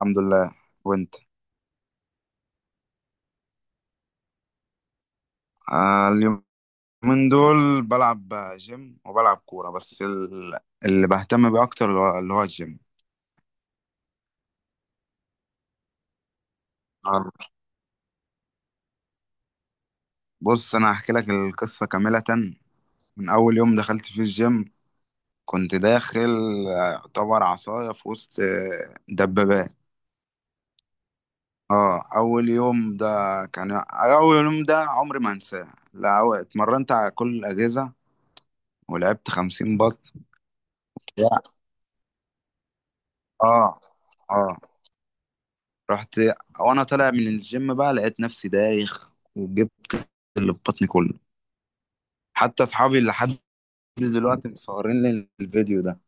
الحمد لله. وانت؟ اليومين دول بلعب جيم وبلعب كورة، بس اللي بهتم بيه أكتر اللي هو الجيم. آه، بص، أنا هحكي لك القصة كاملة. من أول يوم دخلت فيه الجيم كنت داخل، يعتبر عصاية في وسط دبابات. اه، أول يوم ده، كان أول يوم ده عمري ما هنساه. لا، اتمرنت على كل الأجهزة، ولعبت 50 بط. لا. اه. اه. رحت، وانا طالع من الجيم بقى لقيت نفسي دايخ وجبت اللي في بطني كله، حتى اصحابي لحد دلوقتي مصورين لي الفيديو ده.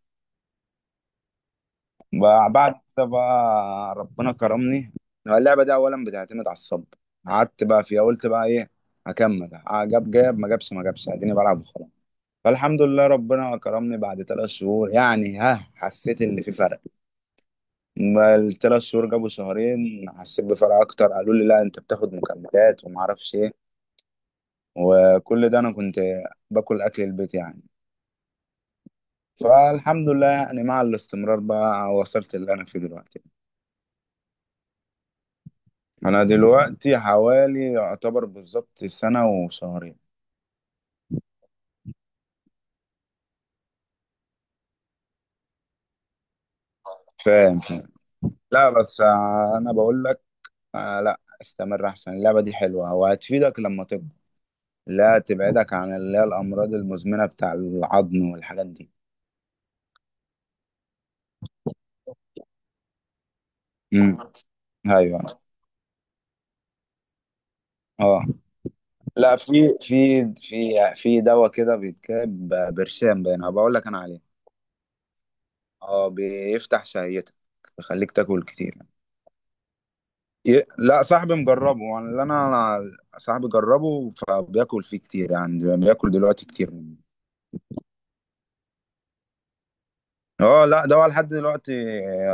بعد كده بقى ربنا كرمني. هو اللعبة دي اولا بتعتمد على الصبر، قعدت بقى فيها قلت بقى ايه، هكمل. جاب ما جابش، اديني بلعب وخلاص. فالحمد لله، ربنا كرمني بعد 3 شهور يعني، ها، حسيت اللي في فرق. ما ال3 شهور جابوا 2 شهور، حسيت بفرق اكتر. قالوا لي لا، انت بتاخد مكملات وما اعرفش ايه، وكل ده انا كنت باكل اكل البيت يعني. فالحمد لله يعني، مع الاستمرار بقى وصلت اللي انا فيه دلوقتي. انا دلوقتي حوالي يعتبر بالظبط سنة وشهرين. فاهم، فاهم. لا بس، انا بقول لك، لا، استمر احسن، اللعبة دي حلوة وهتفيدك لما تكبر، لا، تبعدك عن اللي هي الامراض المزمنة بتاع العظم والحاجات دي. امم. ايوه. اه. لا، في في في دواء كده بيتكتب، برشام، باين بقول لك انا عليه. اه، بيفتح شهيتك، بيخليك تاكل كتير يعني. لا، صاحبي مجربه. انا اللي انا أنا صاحبي جربه، فبياكل فيه كتير يعني، بياكل دلوقتي كتير منه. اه، لا، ده هو لحد دلوقتي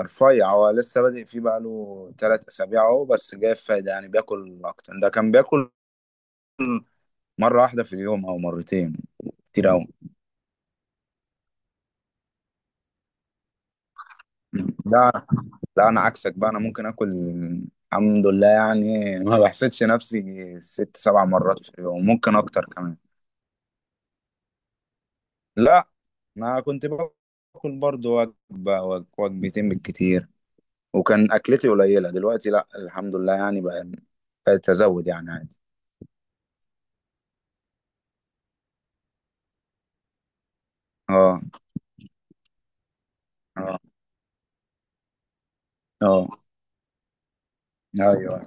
رفيع. هو لسه بادئ فيه بقاله 3 اسابيع اهو، بس جايب فايدة يعني، بياكل اكتر. ده كان بياكل مرة واحدة في اليوم او مرتين. كتير اوي. لا، لا، انا عكسك بقى. انا ممكن اكل، الحمد لله يعني ما بحسدش نفسي، 6 7 مرات في اليوم، ممكن اكتر كمان. لا، انا كنت باكل برضو وجبه وجبتين بالكتير، وكان اكلتي قليله. دلوقتي لا، الحمد لله يعني بقى، بقيت ازود يعني عادي. اه. اه. اه. ايوه.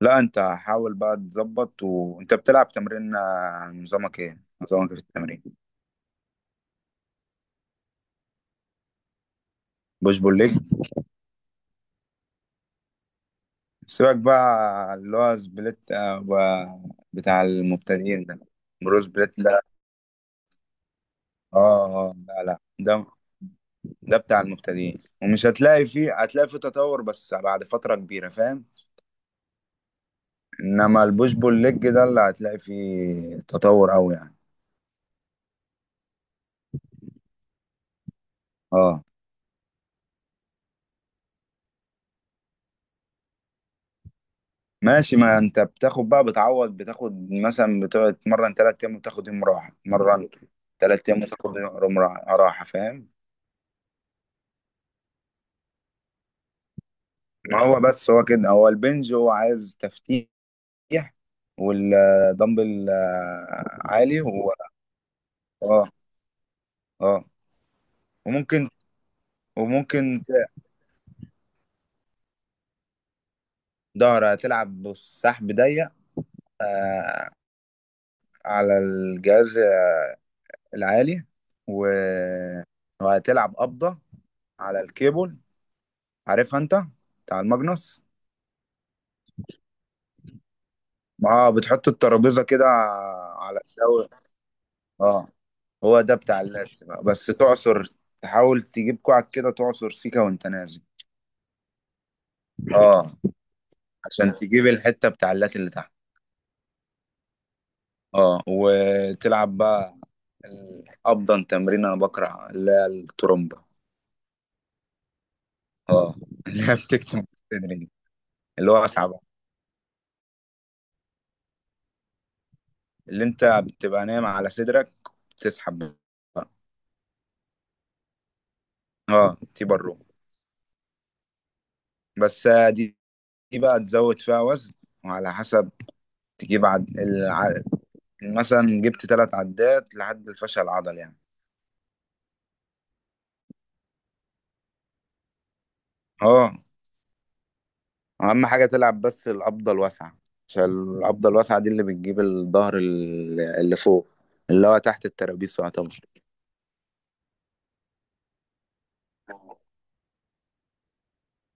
لا، انت حاول بقى تظبط وانت بتلعب تمرين. نظامك إيه في التمرين؟ بوش بول ليج. سيبك بقى اللي هو سبليت، بتاع المبتدئين ده. برو سبليت، لا. اه. اه. لا، لا، ده، بتاع المبتدئين، ومش هتلاقي فيه، هتلاقي فيه تطور بس بعد فترة كبيرة، فاهم. انما البوش بول ليج ده اللي هتلاقي فيه تطور قوي يعني. اه. ماشي. ما انت بتاخد بقى، بتعوض، بتاخد مثلا بتقعد تتمرن 3 ايام وتاخد يوم راحة مرن. 3 ايام وتاخد يوم راحة، راحة، فاهم. ما هو بس، هو كده هو البنج هو عايز تفتيح، والدمبل عالي و... اه. اه. وممكن وممكن ت- ظهر، هتلعب بالسحب ضيق، آه، على الجهاز العالي و- وهتلعب قبضة على الكيبل، عارفها انت، بتاع الماجنوس. اه، بتحط الترابيزة كده على الزاوية. اه، هو ده بتاع اللاتس بقى، بس تعصر، تحاول تجيب كوعك كده، تعصر سيكا وانت نازل. اه، عشان تجيب الحتة بتاع اللات اللي تحت. اه، وتلعب بقى افضل تمرين. انا بكره اللي هي الترومبه. اه اللي هي بتكتم الصدر دي. اللي هو اصعب، اللي انت بتبقى نايم على صدرك، بتسحب بقى. اه، تيبر رو. بس دي بقى تزود فيها وزن وعلى حسب، تجيب مثلا جبت 3 عدات لحد الفشل العضلي يعني. اه، اهم حاجة تلعب بس القبضة الواسعة، عشان القبضة الواسعة دي اللي بتجيب الظهر، اللي فوق، اللي هو تحت الترابيس يعتبر.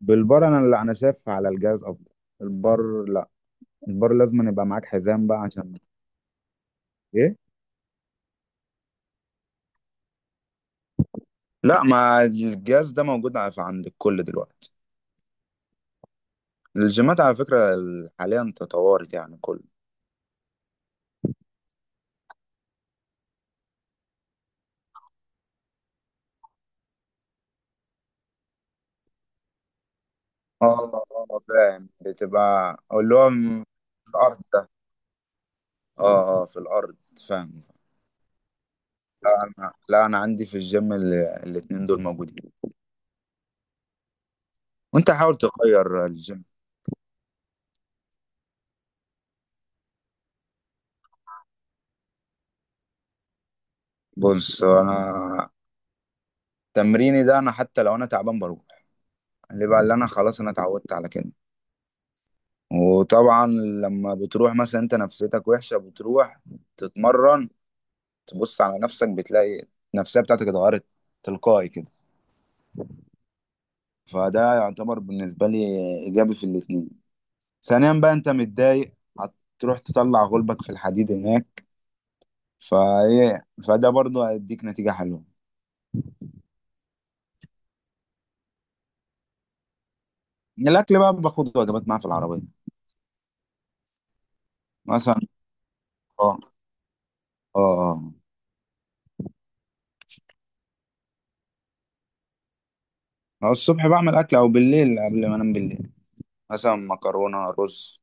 بالبار؟ انا اللي انا شايف على الجهاز افضل. البار لا، البار لازم يبقى معاك حزام بقى، عشان ايه. لا، ما الجهاز ده موجود عند الكل دلوقتي. الجيمات على فكرة حاليا تطورت يعني كل. اه. اه. فاهم، بتبقى اللي هو في الأرض ده. اه. اه. في الأرض، فاهم. لا أنا، عندي في الجيم الاتنين دول موجودين. وأنت حاول تغير الجيم. بص، أنا تمريني ده أنا حتى لو أنا تعبان بروح، اللي أنا خلاص أنا اتعودت على كده. وطبعا لما بتروح مثلا، أنت نفسيتك وحشة، بتروح تتمرن، تبص على نفسك، بتلاقي النفسية بتاعتك اتغيرت تلقائي كده. فده يعتبر بالنسبة لي إيجابي في الاتنين. ثانيا بقى، أنت متضايق، هتروح تطلع غلبك في الحديد هناك، فإيه، فده برضه هيديك نتيجة حلوة. الأكل بقى، باخد وجبات معايا في العربية مثلا. اه. اه. أو الصبح بعمل أكل أو بالليل قبل ما أنام. بالليل مثلا مكرونة، رز،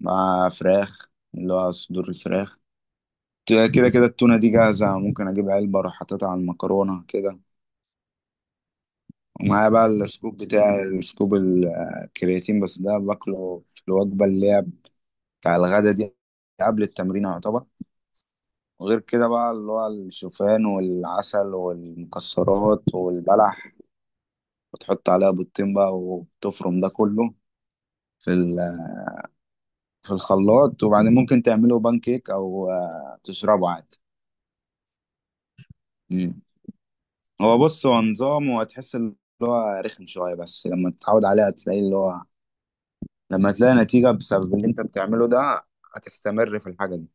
مع فراخ اللي هو صدور الفراخ. كده كده التونة دي جاهزة، ممكن أجيب علبة أروح حاططها على المكرونة كده. ومعايا بقى السكوب، بتاع السكوب الكرياتين، بس ده باكله في الوجبة اللي هي بتاع الغدا دي، قبل التمرين يعتبر. وغير كده بقى اللي هو الشوفان والعسل والمكسرات والبلح، وتحط عليها بيضتين بقى وتفرم ده كله في في الخلاط، وبعدين ممكن تعمله بان كيك او تشربه عادي. مم. بص، هو نظام، وهتحس ان هو رخم شويه، بس لما تتعود عليه هتلاقي اللي هو، لما تلاقي نتيجه بسبب اللي انت بتعمله ده، هتستمر في الحاجه دي.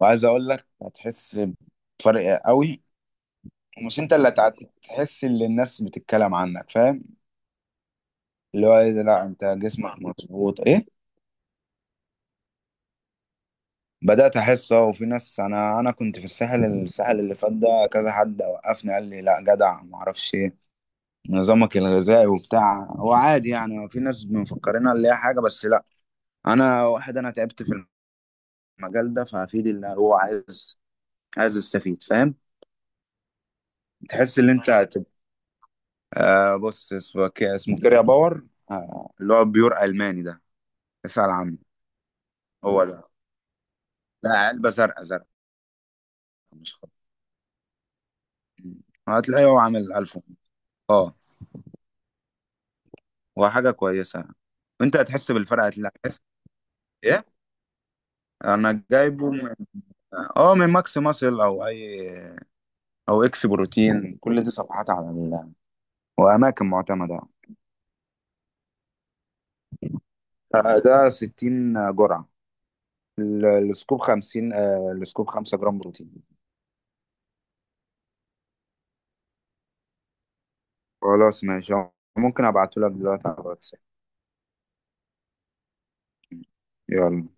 وعايز اقول لك، هتحس بفرق قوي، ومش انت هتحس اللي الناس بتتكلم عنك، فاهم، اللي هو ايه ده، لا انت جسمك مظبوط، ايه. بدأت احس، اه. وفي ناس، انا كنت في الساحل اللي فات ده، كذا حد وقفني قال لي لا جدع، ما اعرفش ايه نظامك الغذائي وبتاع، هو عادي يعني. في ناس مفكرينها اللي هي حاجه، بس لا، انا واحد انا تعبت في المجال ده، فهفيد اللي هو عايز استفيد، فاهم. تحس ان انت، بص، اسمه اسمه كيريا باور. اللي هو بيور ألماني ده. اسأل عنه. هو ده. لا، علبة زرقاء، مش خط. هتلاقيه هو عامل ألف. اه، هو حاجة كويسة. وانت هتحس بالفرق، هتلاقي، هتحس، ايه. انا جايبه من، اه، من ماكس ماسل او او اكس بروتين، كل دي صفحات على ال... واماكن معتمدة. ده 60 جرعة، السكوب 50، السكوب 5 جرام بروتين. خلاص ماشي، ممكن ابعته لك دلوقتي على الواتس. يلا.